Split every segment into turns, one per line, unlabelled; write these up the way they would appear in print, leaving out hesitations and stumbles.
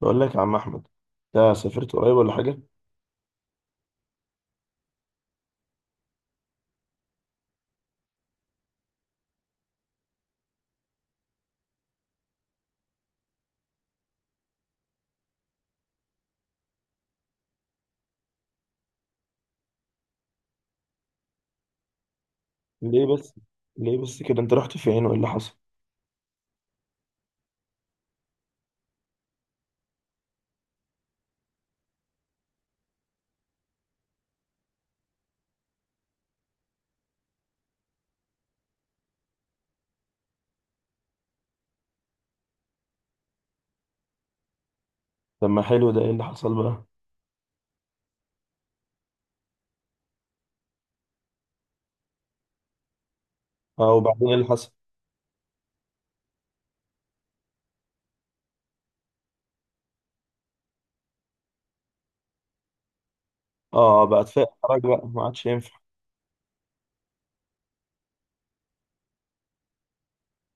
بقول لك يا عم احمد، انت سافرت قريب ولا حاجه؟ ليه بس ليه بس كده انت رحت فين وايه اللي حصل؟ طب ما حلو ده، ايه اللي حصل بقى؟ اه، وبعدين ايه اللي حصل؟ اه بقى تفاق حرج بقى، ما عادش ينفع.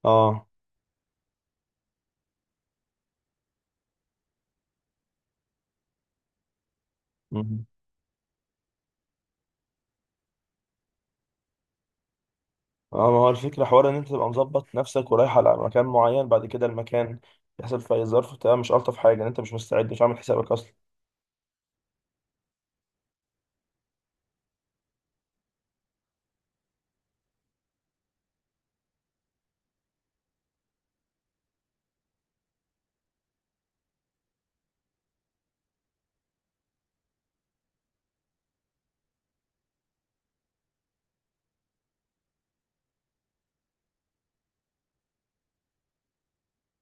اه. مم. اه، ما هو الفكره حوار ان انت تبقى مظبط نفسك ورايح على مكان معين، بعد كده المكان يحصل في اي ظرف، بتبقى مش الطف حاجه ان انت مش مستعد مش عامل حسابك اصلا.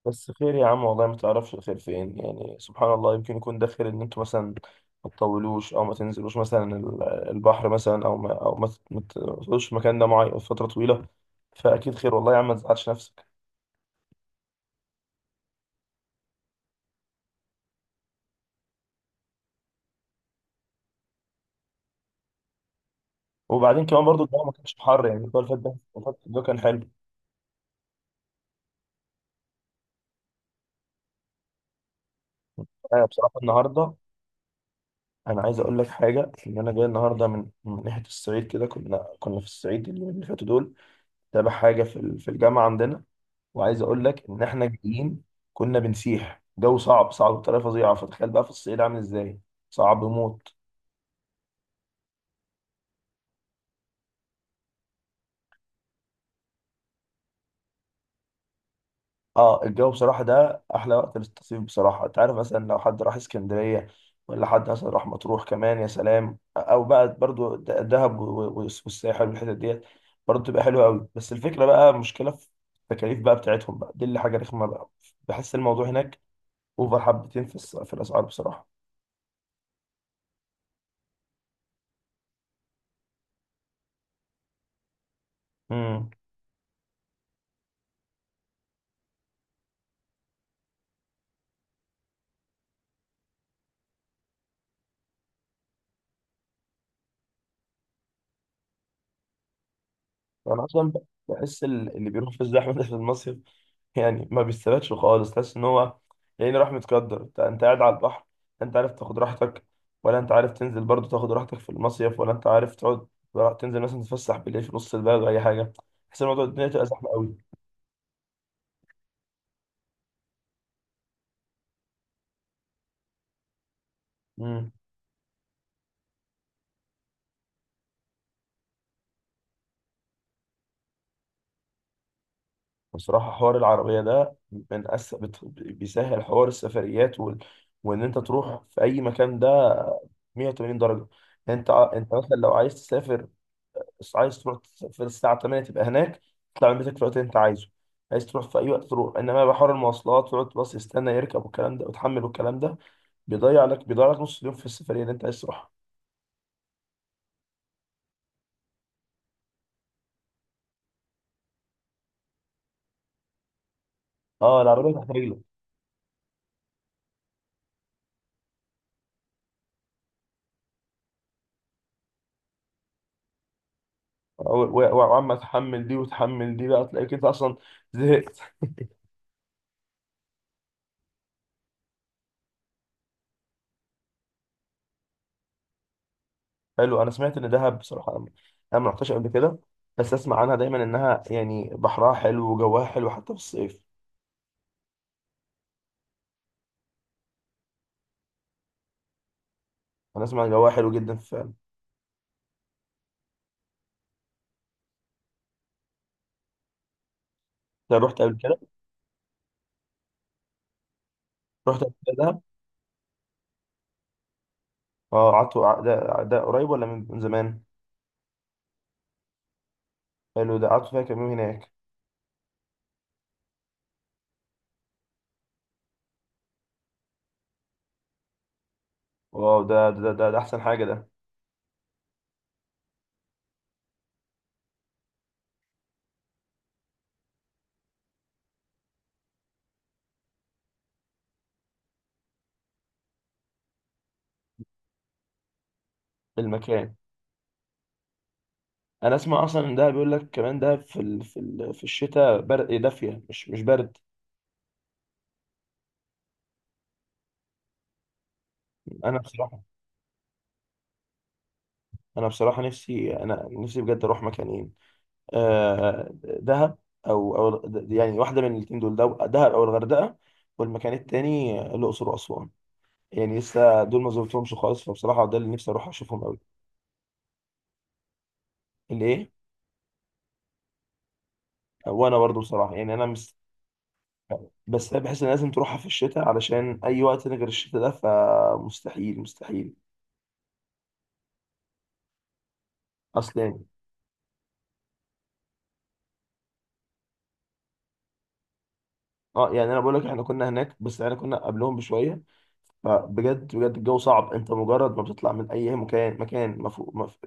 بس خير يا عم، والله ما تعرفش الخير فين، يعني سبحان الله، يمكن يكون ده خير ان انتوا مثلا ما تطولوش او ما تنزلوش مثلا البحر، مثلا او ما ما تقعدوش في مكان ده معين فتره طويله، فاكيد خير والله يا عم، ما تزعلش نفسك. وبعدين كمان برضو الجو ما كانش حر، يعني الجو اللي فات ده، الجو ده كان حلو. انا بصراحه النهارده، انا عايز اقول لك حاجه، ان انا جاي النهارده من ناحيه الصعيد، كده كنا في الصعيد اليومين اللي فاتوا دول، تابع حاجه في الجامعه عندنا، وعايز اقول لك ان احنا جايين كنا بنسيح جو صعب صعب بطريقه فظيعه، فتخيل بقى في الصعيد عامل ازاي؟ صعب موت. اه، الجو بصراحه ده احلى وقت للتصيف بصراحه، انت عارف مثلا لو حد راح اسكندريه، ولا حد مثلا راح مطروح كمان يا سلام، او بقى برضو دهب والساحل والحتت ديت برضو تبقى حلوه قوي، بس الفكره بقى مشكله في التكاليف بقى بتاعتهم بقى دي، اللي حاجه رخمه بقى، بحس الموضوع هناك اوفر حبتين في الاسعار بصراحه. امم. انا اصلا بحس اللي بيروح في الزحمه ده في المصيف يعني ما بيستفادش خالص، تحس ان هو يعني راح متقدر، انت قاعد على البحر، لا انت عارف تاخد راحتك، ولا انت عارف تنزل برضو تاخد راحتك في المصيف، ولا انت عارف تقعد تنزل مثلا تتفسح بالليل في نص البلد ولا اي حاجه، تحس إن الموضوع الدنيا تبقى زحمه قوي. امم. بصراحه حوار العربيه ده بيسهل حوار السفريات وان انت تروح في اي مكان ده 180 درجه، يعني انت انت مثلا لو عايز تسافر، بس عايز تروح في الساعة 8 تبقى هناك، تطلع من بيتك في الوقت اللي أنت عايزه، عايز تروح في أي وقت تروح، إنما بقى حوار المواصلات تقعد باص يستنى يركب والكلام ده وتحمل والكلام ده، بيضيع لك نص اليوم في السفرية اللي أنت عايز تروحها. أه العربية تحت رجلك. وعمال تحمل دي وتحمل دي بقى، تلاقيك أنت أصلا زهقت. حلو، أنا سمعت إن دهب بصراحة، أنا ما رحتش قبل كده، بس أسمع عنها دايما إنها يعني بحرها حلو وجواها حلو حتى في الصيف. أنا أسمع إن جواها حلو جدا فعلا. أنت رحت قبل كده؟ رحت قبل كده. اه قعدتوا ده قريب ولا من زمان؟ حلو، ده قعدتوا فيها كام يوم هناك؟ واو، ده احسن حاجه ده المكان. انا اسمع اصلا ان ده بيقول لك كمان ده في الشتاء برد إيه، دافيه مش برد. انا بصراحه انا بصراحه نفسي بجد اروح مكانين، دهب، او يعني واحده من الاثنين دول دهب او الغردقه، والمكان التاني الاقصر واسوان، يعني لسه دول ما زرتهمش خالص، فبصراحه ده اللي نفسي اروح اشوفهم قوي. الايه. وانا برضو بصراحه يعني انا، بس انا بحس ان لازم تروحها في الشتاء، علشان اي وقت تاني غير الشتاء ده فمستحيل مستحيل، اصل يعني. اه، يعني انا بقول لك احنا كنا هناك بس احنا كنا قبلهم بشويه، فبجد بجد الجو صعب، انت مجرد ما بتطلع من اي مكان مكان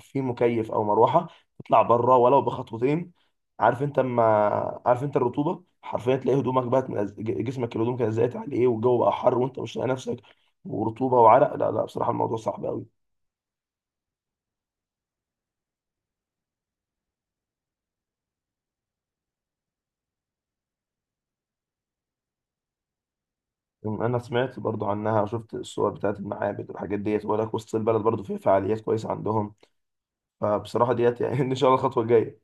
في مكيف او مروحه، تطلع بره ولو بخطوتين، عارف انت ما عارف انت الرطوبه حرفيا، تلاقي هدومك بقت جسمك، الهدوم كانت زقت عليه والجو بقى حر وانت مش لاقي نفسك، ورطوبه وعرق، لا لا بصراحه الموضوع صعب قوي. انا سمعت برضو عنها، شفت الصور بتاعت المعابد والحاجات ديت، ولا وسط البلد برضو في فعاليات كويسه عندهم، فبصراحه ديت يعني ان شاء الله الخطوه الجايه.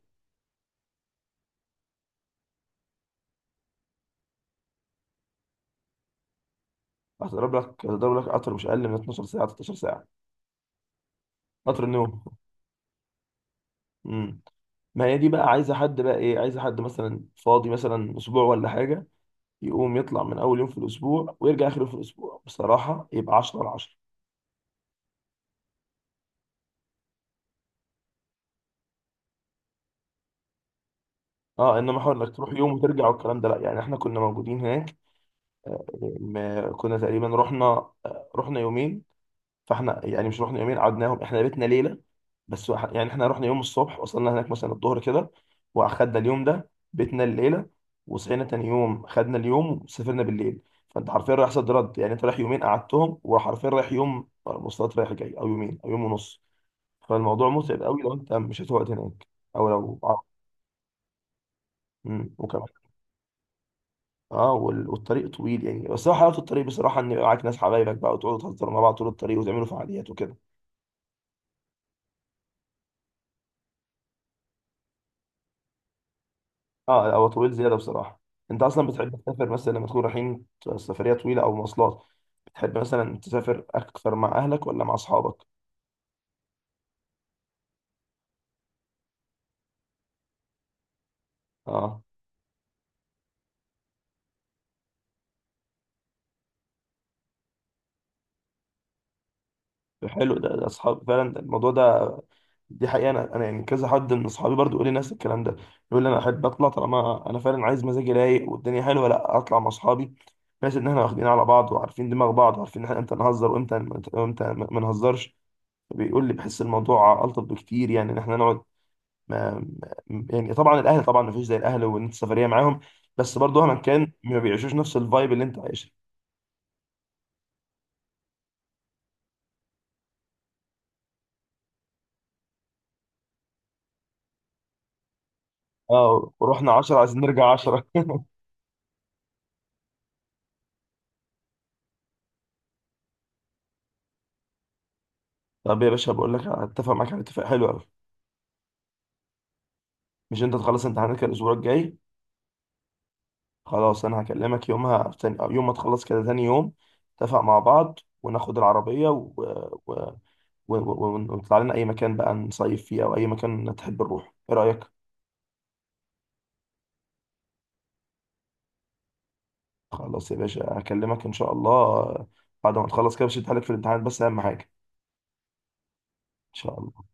هتضرب لك قطر مش اقل من 12 ساعه، 13 ساعه، قطر النوم. امم. ما هي دي بقى عايزه حد بقى، ايه، عايزه حد مثلا فاضي مثلا اسبوع ولا حاجه، يقوم يطلع من اول يوم في الاسبوع ويرجع اخر يوم في الاسبوع، بصراحه يبقى 10 على 10. اه انما حوار انك تروح يوم وترجع والكلام ده، لا يعني احنا كنا موجودين هناك. آه، ما كنا تقريبا رحنا. رحنا يومين، فاحنا يعني مش رحنا يومين قعدناهم، احنا بيتنا ليله بس، يعني احنا رحنا يوم الصبح، وصلنا هناك مثلا الظهر كده، واخدنا اليوم ده بيتنا الليله، وصحينا تاني يوم خدنا اليوم وسافرنا بالليل، فانت حرفيا رايح صد رد، يعني انت رايح يومين قعدتهم، وحرفيا رايح يوم مواصلات رايح جاي او يومين او يوم ونص، فالموضوع متعب قوي لو انت مشيت وقت هناك او لو آه، وكمان. اه والطريق طويل يعني، بس هو حلاوه الطريق بصراحه ان يبقى معاك ناس حبايبك بقى وتقعدوا تهزروا مع بعض طول الطريق وتعملوا فعاليات وكده. اه هو طويل زياده بصراحه. انت اصلا بتحب تسافر مثلا لما تكون رايحين سفريه طويله او مواصلات، بتحب مثلا تسافر اكثر مع اهلك ولا مع اصحابك؟ اه، حلو ده، ده اصحاب فعلا الموضوع ده، دي حقيقه، انا يعني كذا حد من اصحابي برضو يقول لي نفس الكلام ده، يقول لي انا احب اطلع طالما انا فعلا عايز مزاجي رايق والدنيا حلوه، لا اطلع مع اصحابي، بحيث ان احنا واخدين على بعض وعارفين دماغ بعض وعارفين احنا امتى نهزر وامتى ما نهزرش، بيقول لي بحس الموضوع الطف بكتير يعني، ان احنا نقعد. ما يعني طبعا الاهلي طبعا ما فيش زي الاهلي وان انت سفريه معاهم، بس برضه مهما كان ما بيعيشوش نفس الفايب اللي انت عايشها. اه ورحنا 10 عايزين نرجع 10 طب يا باشا بقول لك اتفق معاك على اتفاق حلو قوي، مش انت تخلص امتحاناتك الاسبوع الجاي؟ خلاص انا هكلمك يومها تاني أو يوم ما تخلص كده تاني يوم، نتفق مع بعض وناخد العربيه و... ونطلع لنا اي مكان بقى نصيف فيه او اي مكان تحب نروح، ايه رايك؟ خلاص يا باشا هكلمك ان شاء الله بعد ما تخلص كده، مش هتحلك في الامتحان بس اهم حاجه. شاء الله.